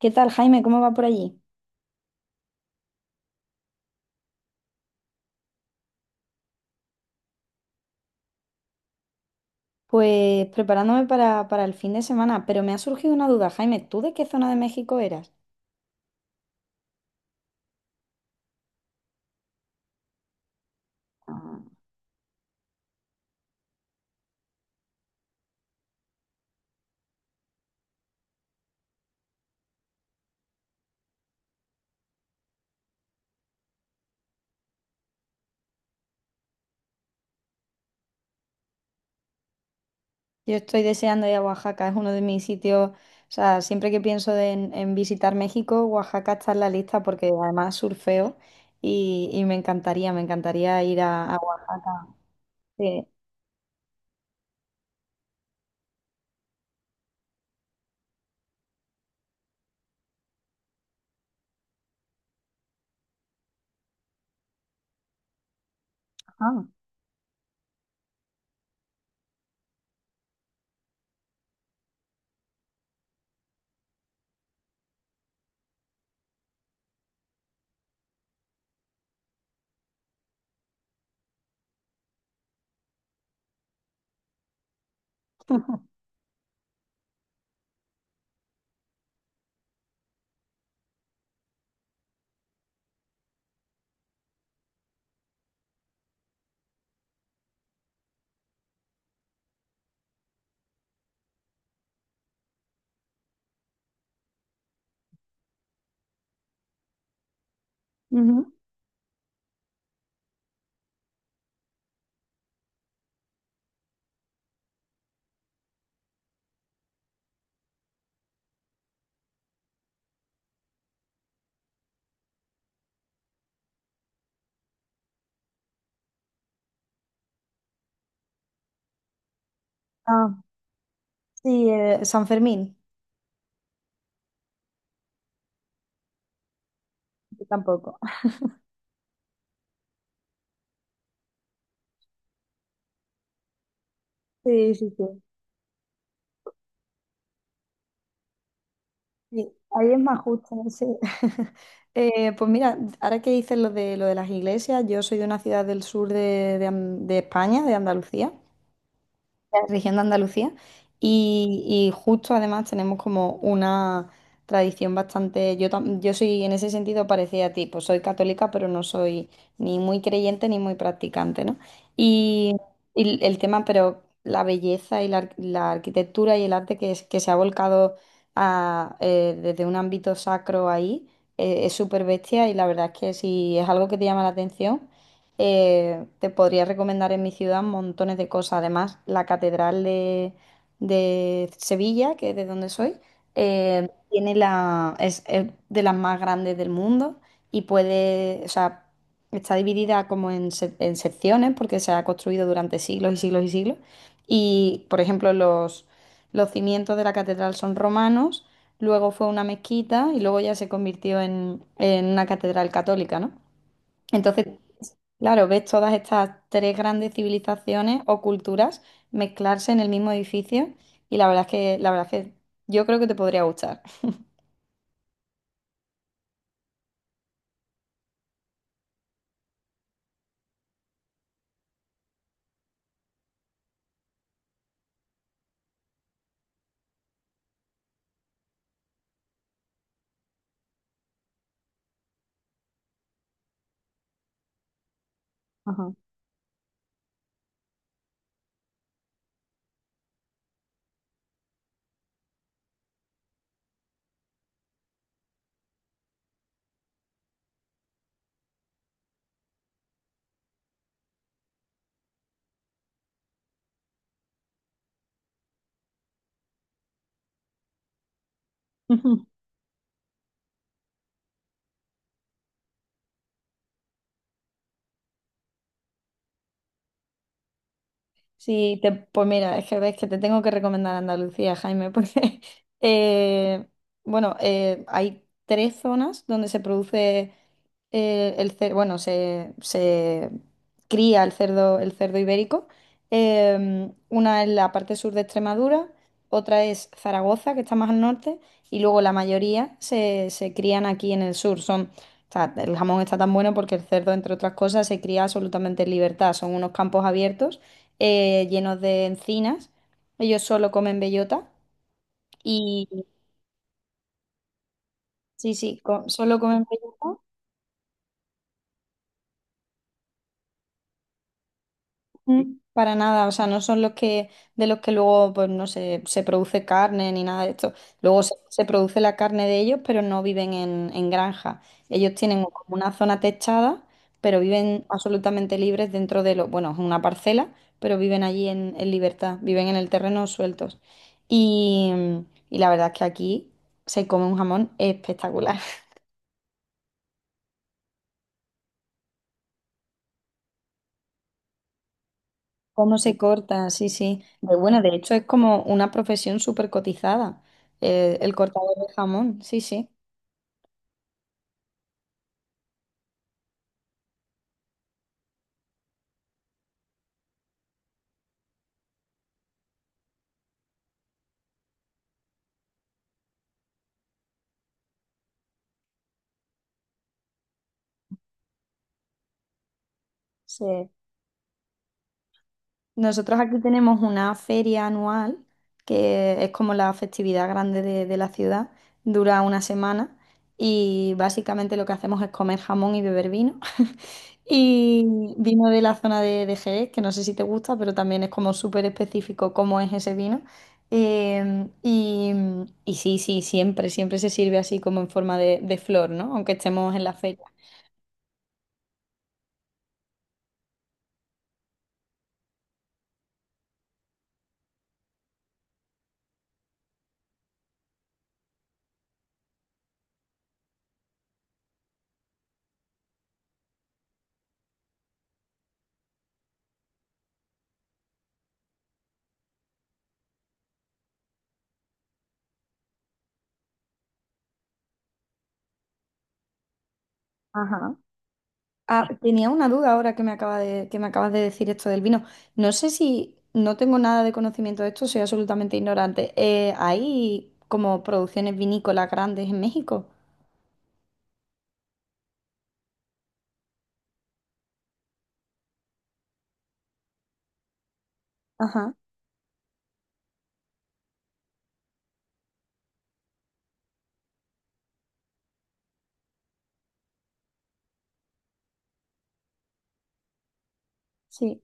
¿Qué tal, Jaime? ¿Cómo va por allí? Pues preparándome para el fin de semana, pero me ha surgido una duda, Jaime, ¿tú de qué zona de México eras? Yo estoy deseando ir a Oaxaca, es uno de mis sitios, o sea, siempre que pienso en visitar México, Oaxaca está en la lista porque además surfeo y me encantaría ir a Oaxaca. Sí. Ajá. Ujú. Ah, sí, San Fermín, yo tampoco. Sí, sí, sí. Sí, ahí es más justo, sí. Pues mira, ahora que dices lo de las iglesias, yo soy de una ciudad del sur de de España, de Andalucía, región de Andalucía. Y justo además tenemos como una tradición bastante, yo, yo soy en ese sentido parecida a ti, pues soy católica, pero no soy ni muy creyente ni muy practicante, ¿no? Y, y el tema, pero la belleza y la, la arquitectura y el arte que, es, que se ha volcado a, desde un ámbito sacro ahí, es súper bestia y la verdad es que si es algo que te llama la atención. Te podría recomendar en mi ciudad montones de cosas. Además, la Catedral de Sevilla, que es de donde soy, tiene la, es de las más grandes del mundo y puede, o sea, está dividida como en, en secciones porque se ha construido durante siglos y siglos y siglos. Y, por ejemplo, los cimientos de la catedral son romanos, luego fue una mezquita y luego ya se convirtió en una catedral católica, ¿no? Entonces, claro, ves todas estas tres grandes civilizaciones o culturas mezclarse en el mismo edificio y la verdad es que, la verdad es que yo creo que te podría gustar. Ajá. Sí, pues mira, es que ves que te tengo que recomendar Andalucía, Jaime, porque, eh, bueno, hay tres zonas donde se produce el bueno, se cría el cerdo ibérico. Una es la parte sur de Extremadura, otra es Zaragoza, que está más al norte, y luego la mayoría se, se crían aquí en el sur. Son, o sea, el jamón está tan bueno porque el cerdo, entre otras cosas, se cría absolutamente en libertad. Son unos campos abiertos llenos de encinas. Ellos solo comen bellota y sí, sí, solo comen bellota. Para nada, o sea, no son los que, de los que luego, pues no sé, se produce carne ni nada de esto. Luego se, se produce la carne de ellos, pero no viven en granja. Ellos tienen como una zona techada, pero viven absolutamente libres dentro de lo, bueno, es una parcela, pero viven allí en libertad, viven en el terreno sueltos. Y, y la verdad es que aquí se come un jamón espectacular. ¿Cómo se corta? Sí, sí. Bueno, de hecho es como una profesión súper cotizada, el cortador de jamón, sí, sí. Sí. Nosotros aquí tenemos una feria anual, que es como la festividad grande de la ciudad, dura una semana y básicamente lo que hacemos es comer jamón y beber vino. Y vino de la zona de Jerez, que no sé si te gusta, pero también es como súper específico cómo es ese vino. Y, y sí, sí, siempre, siempre se sirve así como en forma de flor, ¿no? Aunque estemos en la feria. Ajá. Ah, tenía una duda ahora que me acaba de, que me acabas de decir esto del vino. No sé si no tengo nada de conocimiento de esto, soy absolutamente ignorante. ¿Hay como producciones vinícolas grandes en México? Ajá, sí.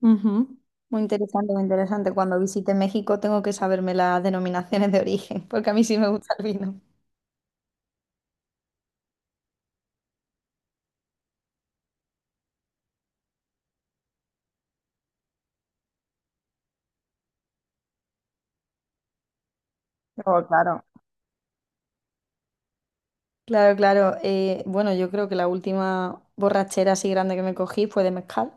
Ujú. Muy interesante, muy interesante. Cuando visite México tengo que saberme las denominaciones de origen, porque a mí sí me gusta el vino. Oh, claro. Claro, claro. Bueno, yo creo que la última borrachera así grande que me cogí fue de mezcal.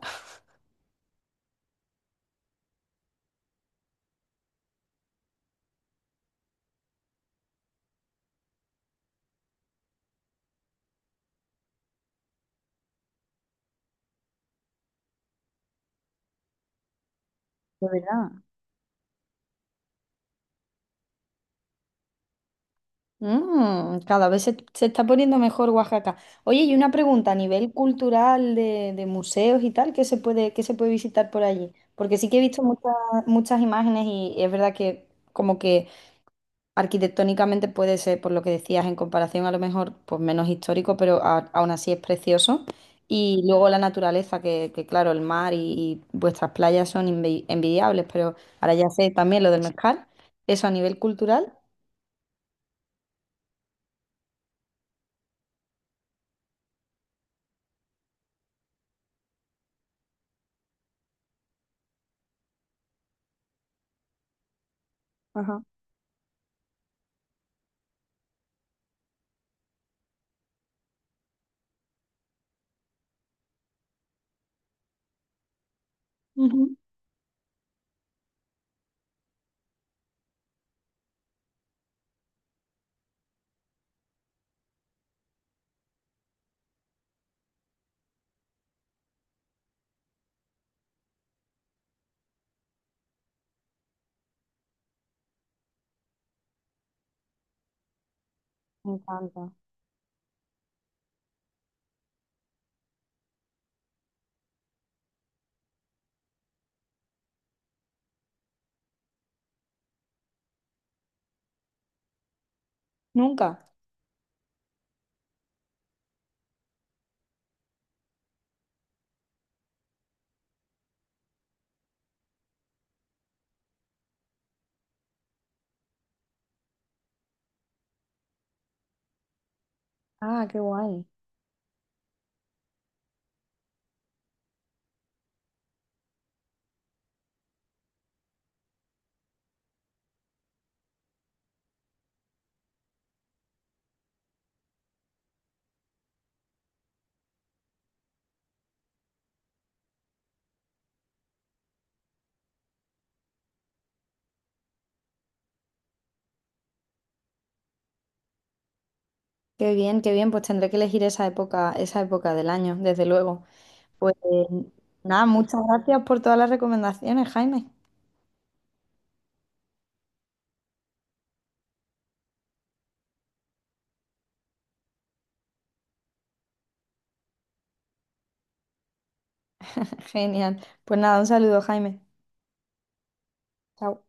De verdad. Cada vez se está poniendo mejor Oaxaca. Oye, y una pregunta a nivel cultural de museos y tal, qué se puede visitar por allí? Porque sí que he visto muchas, muchas imágenes y es verdad que como que arquitectónicamente puede ser, por lo que decías, en comparación a lo mejor, pues menos histórico, pero aún así es precioso. Y luego la naturaleza, que claro, el mar y vuestras playas son envidiables, pero ahora ya sé también lo del mezcal, eso a nivel cultural. Ajá. Ujú. Me encanta. Nunca. Ah, qué guay. Qué bien, qué bien. Pues tendré que elegir esa época del año, desde luego. Pues nada, muchas gracias por todas las recomendaciones, Jaime. Genial. Pues nada, un saludo, Jaime. Chao.